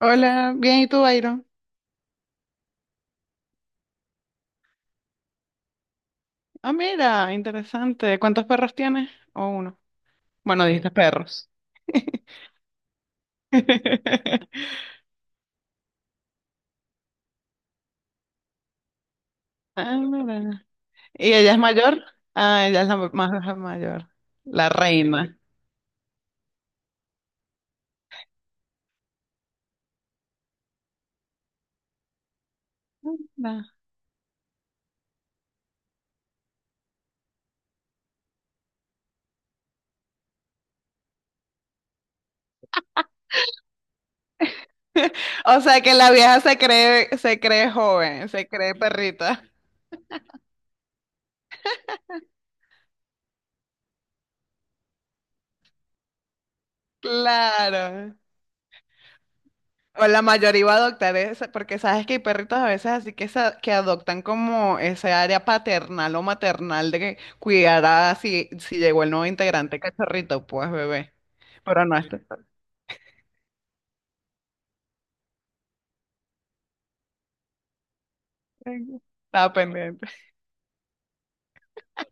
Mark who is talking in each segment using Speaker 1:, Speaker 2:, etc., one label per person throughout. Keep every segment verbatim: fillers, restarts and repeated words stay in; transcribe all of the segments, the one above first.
Speaker 1: Hola, bien, ¿y tú, Byron? Ah, mira, interesante. ¿Cuántos perros tienes? O uno. Bueno, dijiste perros. Ah, mira. ¿Y ella es mayor? Ah, ella es la más mayor, la reina. Ah. O sea que la vieja se cree, se cree joven, se cree perrita. Claro. O la mayoría iba a adoptar esa, porque sabes que hay perritos a veces así que, sa- que adoptan como ese área paternal o maternal de que cuidará si, si llegó el nuevo integrante cachorrito, pues bebé. Pero no, este está- estaba pendiente.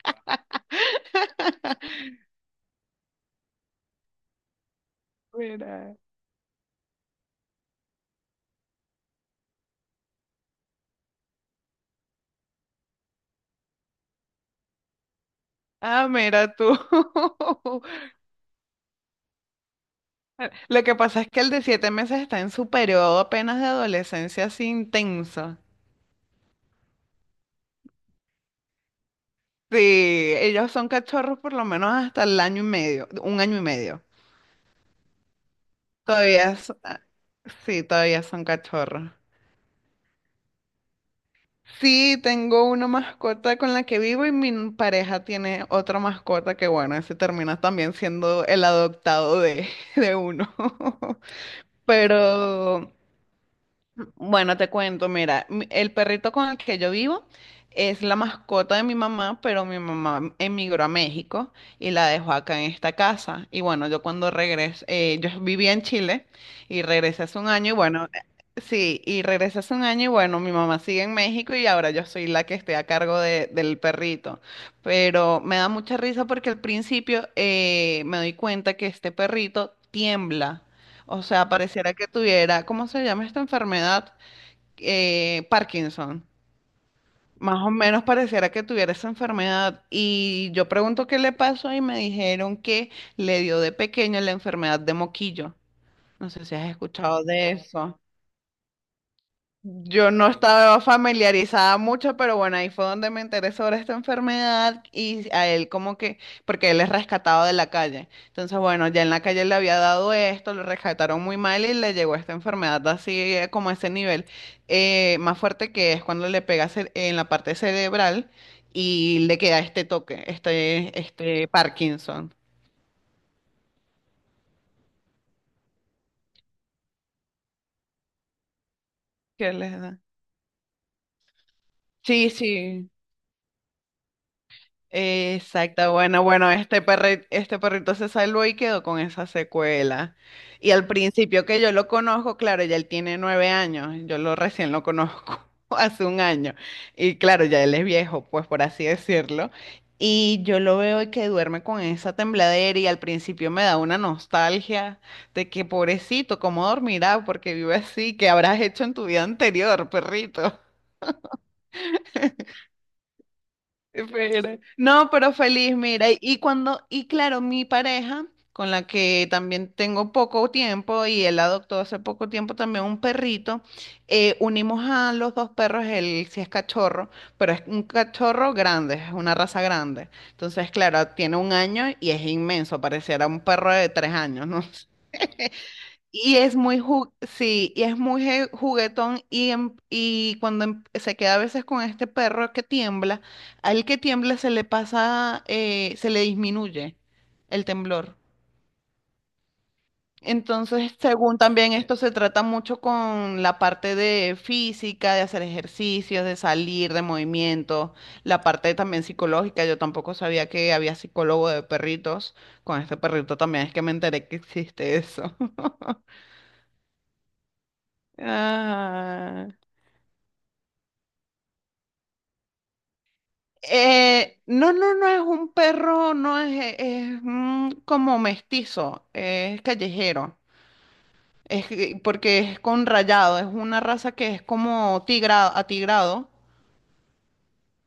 Speaker 1: Mira. Ah, mira tú. Lo que pasa es que el de siete meses está en su periodo apenas de adolescencia así intenso. Sí, ellos son cachorros por lo menos hasta el año y medio, un año y medio. Todavía, s- ah, sí, todavía son cachorros. Sí, tengo una mascota con la que vivo y mi pareja tiene otra mascota que, bueno, ese termina también siendo el adoptado de, de uno. Pero bueno, te cuento, mira, mi- el perrito con el que yo vivo es la mascota de mi mamá, pero mi mamá emigró a México y la dejó acá en esta casa. Y bueno, yo cuando regresé, eh, yo vivía en Chile y regresé hace un año y bueno, eh, sí, y regresé hace un año y bueno, mi mamá sigue en México y ahora yo soy la que estoy a cargo de- del perrito. Pero me da mucha risa porque al principio eh, me doy cuenta que este perrito tiembla. O sea, pareciera que tuviera, ¿cómo se llama esta enfermedad? Eh, Parkinson. Más o menos pareciera que tuviera esa enfermedad. Y yo pregunto qué le pasó y me dijeron que le dio de pequeño la enfermedad de moquillo. No sé si has escuchado de eso. Yo no estaba familiarizada mucho, pero bueno, ahí fue donde me enteré sobre esta enfermedad y a él como que, porque él es rescatado de la calle. Entonces, bueno, ya en la calle le había dado esto, lo rescataron muy mal y le llegó esta enfermedad así eh, como a ese nivel eh, más fuerte, que es cuando le pega cere- en la parte cerebral y le queda este toque, este, este Parkinson. ¿Qué les da? Sí, sí. Exacto, bueno, bueno, este perri- este perrito se salvó y quedó con esa secuela. Y al principio que yo lo conozco, claro, ya él tiene nueve años, yo lo recién lo conozco hace un año. Y claro, ya él es viejo, pues por así decirlo. Y yo lo veo y que duerme con esa tembladera y al principio me da una nostalgia de que pobrecito, ¿cómo dormirá? Porque vive así, ¿qué habrás hecho en tu vida anterior, perrito? Espera. No, pero feliz, mira, y y cuando, y claro, mi pareja, con la que también tengo poco tiempo, y él adoptó hace poco tiempo también un perrito, eh, unimos a los dos perros. Él sí es cachorro, pero es un cachorro grande, es una raza grande. Entonces, claro, tiene un año y es inmenso, pareciera un perro de tres años, ¿no? Y es muy, ju- sí, y es muy je- juguetón y, em- y cuando em- se queda a veces con este perro que tiembla, al que tiembla se le pasa, eh, se le disminuye el temblor. Entonces, según también esto se trata mucho con la parte de física, de hacer ejercicios, de salir, de movimiento, la parte también psicológica. Yo tampoco sabía que había psicólogo de perritos. Con este perrito también es que me enteré que existe eso. Ah. Eh, no, no, no es un perro, no es, es un como mestizo, es callejero, es que- porque es con rayado, es una raza que es como tigrado, atigrado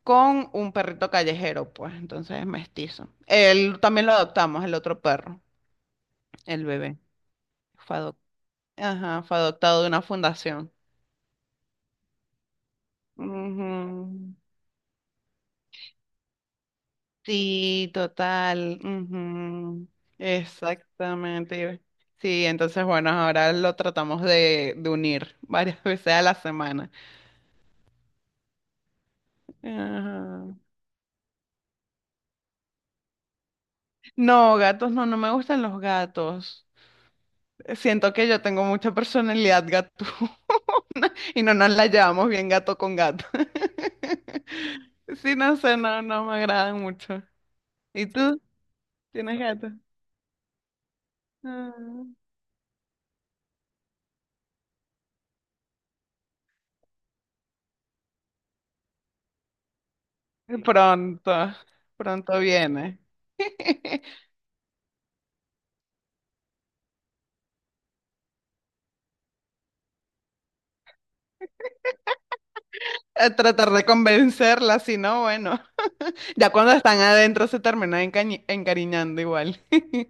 Speaker 1: con un perrito callejero, pues entonces es mestizo. Él también lo adoptamos, el otro perro, el bebé, fue adop- ajá, fue adoptado de una fundación. Ujú. Sí, total. Ujú, exactamente. Sí, entonces, bueno, ahora lo tratamos de, de unir varias veces a la semana. Ajá. No, gatos, no, no me gustan los gatos. Siento que yo tengo mucha personalidad gato y no nos la llevamos bien gato con gato. Sí, no sé, no, no me agradan mucho. ¿Y tú? ¿Tienes gato? Ah, pronto, pronto viene. A tratar de convencerla, si no, bueno, ya cuando están adentro se terminan encañi- encariñando igual.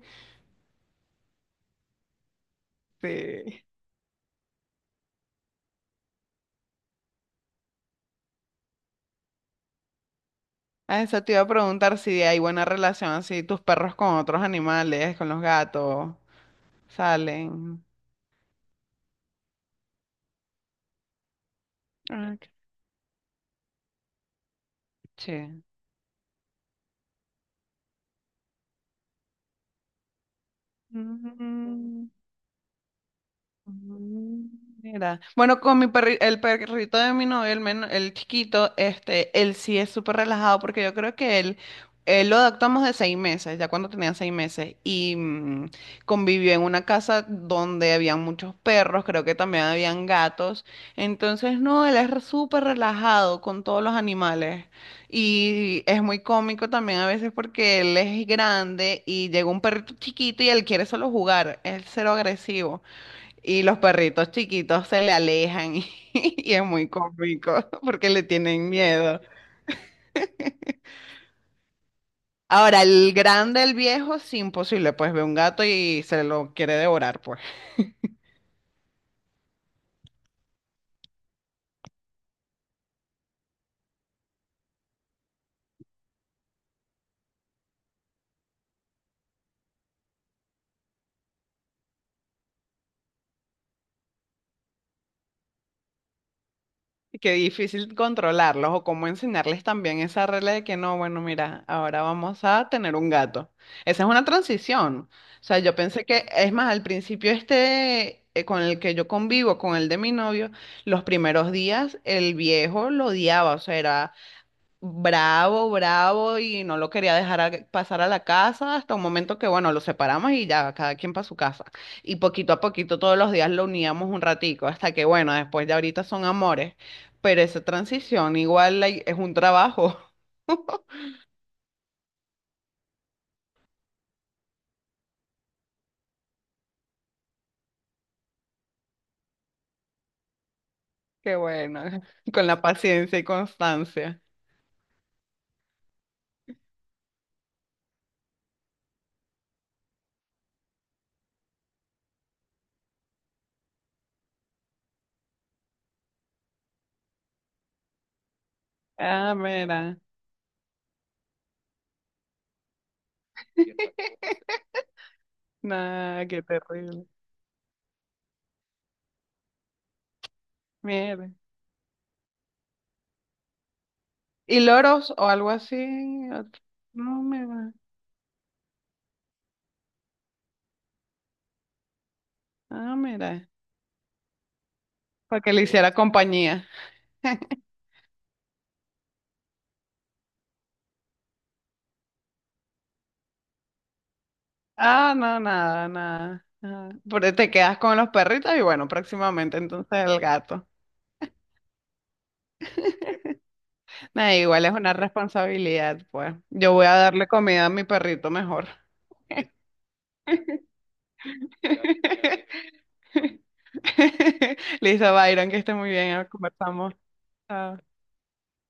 Speaker 1: Sí. A eso te iba a preguntar si hay buena relación así, tus perros con otros animales, con los gatos, salen. Ah, qué che. Mm, mira, bueno, con mi perri- el perrito de mi novio, el, men- el chiquito, este, él sí es súper relajado porque yo creo que él, él lo adoptamos de seis meses, ya cuando tenía seis meses, y mm, convivió en una casa donde habían muchos perros, creo que también habían gatos, entonces no, él es re- súper relajado con todos los animales y es muy cómico también a veces porque él es grande y llega un perrito chiquito y él quiere solo jugar, es cero agresivo. Y los perritos chiquitos se le alejan y, es muy cómico porque le tienen miedo. Ahora, el grande, el viejo, sí, imposible, pues ve un gato y se lo quiere devorar, pues. Y qué difícil controlarlos o cómo enseñarles también esa regla de que no, bueno, mira, ahora vamos a tener un gato. Esa es una transición. O sea, yo pensé que, es más, al principio este, eh, con el que yo convivo, con el de mi novio, los primeros días el viejo lo odiaba, o sea, era bravo, bravo y no lo quería dejar a- pasar a la casa hasta un momento que, bueno, lo separamos y ya, cada quien para su casa. Y poquito a poquito todos los días lo uníamos un ratico hasta que, bueno, después de ahorita son amores, pero esa transición igual hay- es un trabajo. Qué bueno, con la paciencia y constancia. Ah, mira. Nah, qué terrible. Mira. ¿Y loros o algo así? No, mira. Ah, mira. Para que le hiciera compañía. Ah, no, nada, nada. Nada. Pero te quedas con los perritos y bueno, próximamente entonces el gato. Nada, igual es una responsabilidad, pues. Yo voy a darle comida a mi perrito mejor. Listo, Byron, que esté muy bien, conversamos. Chao.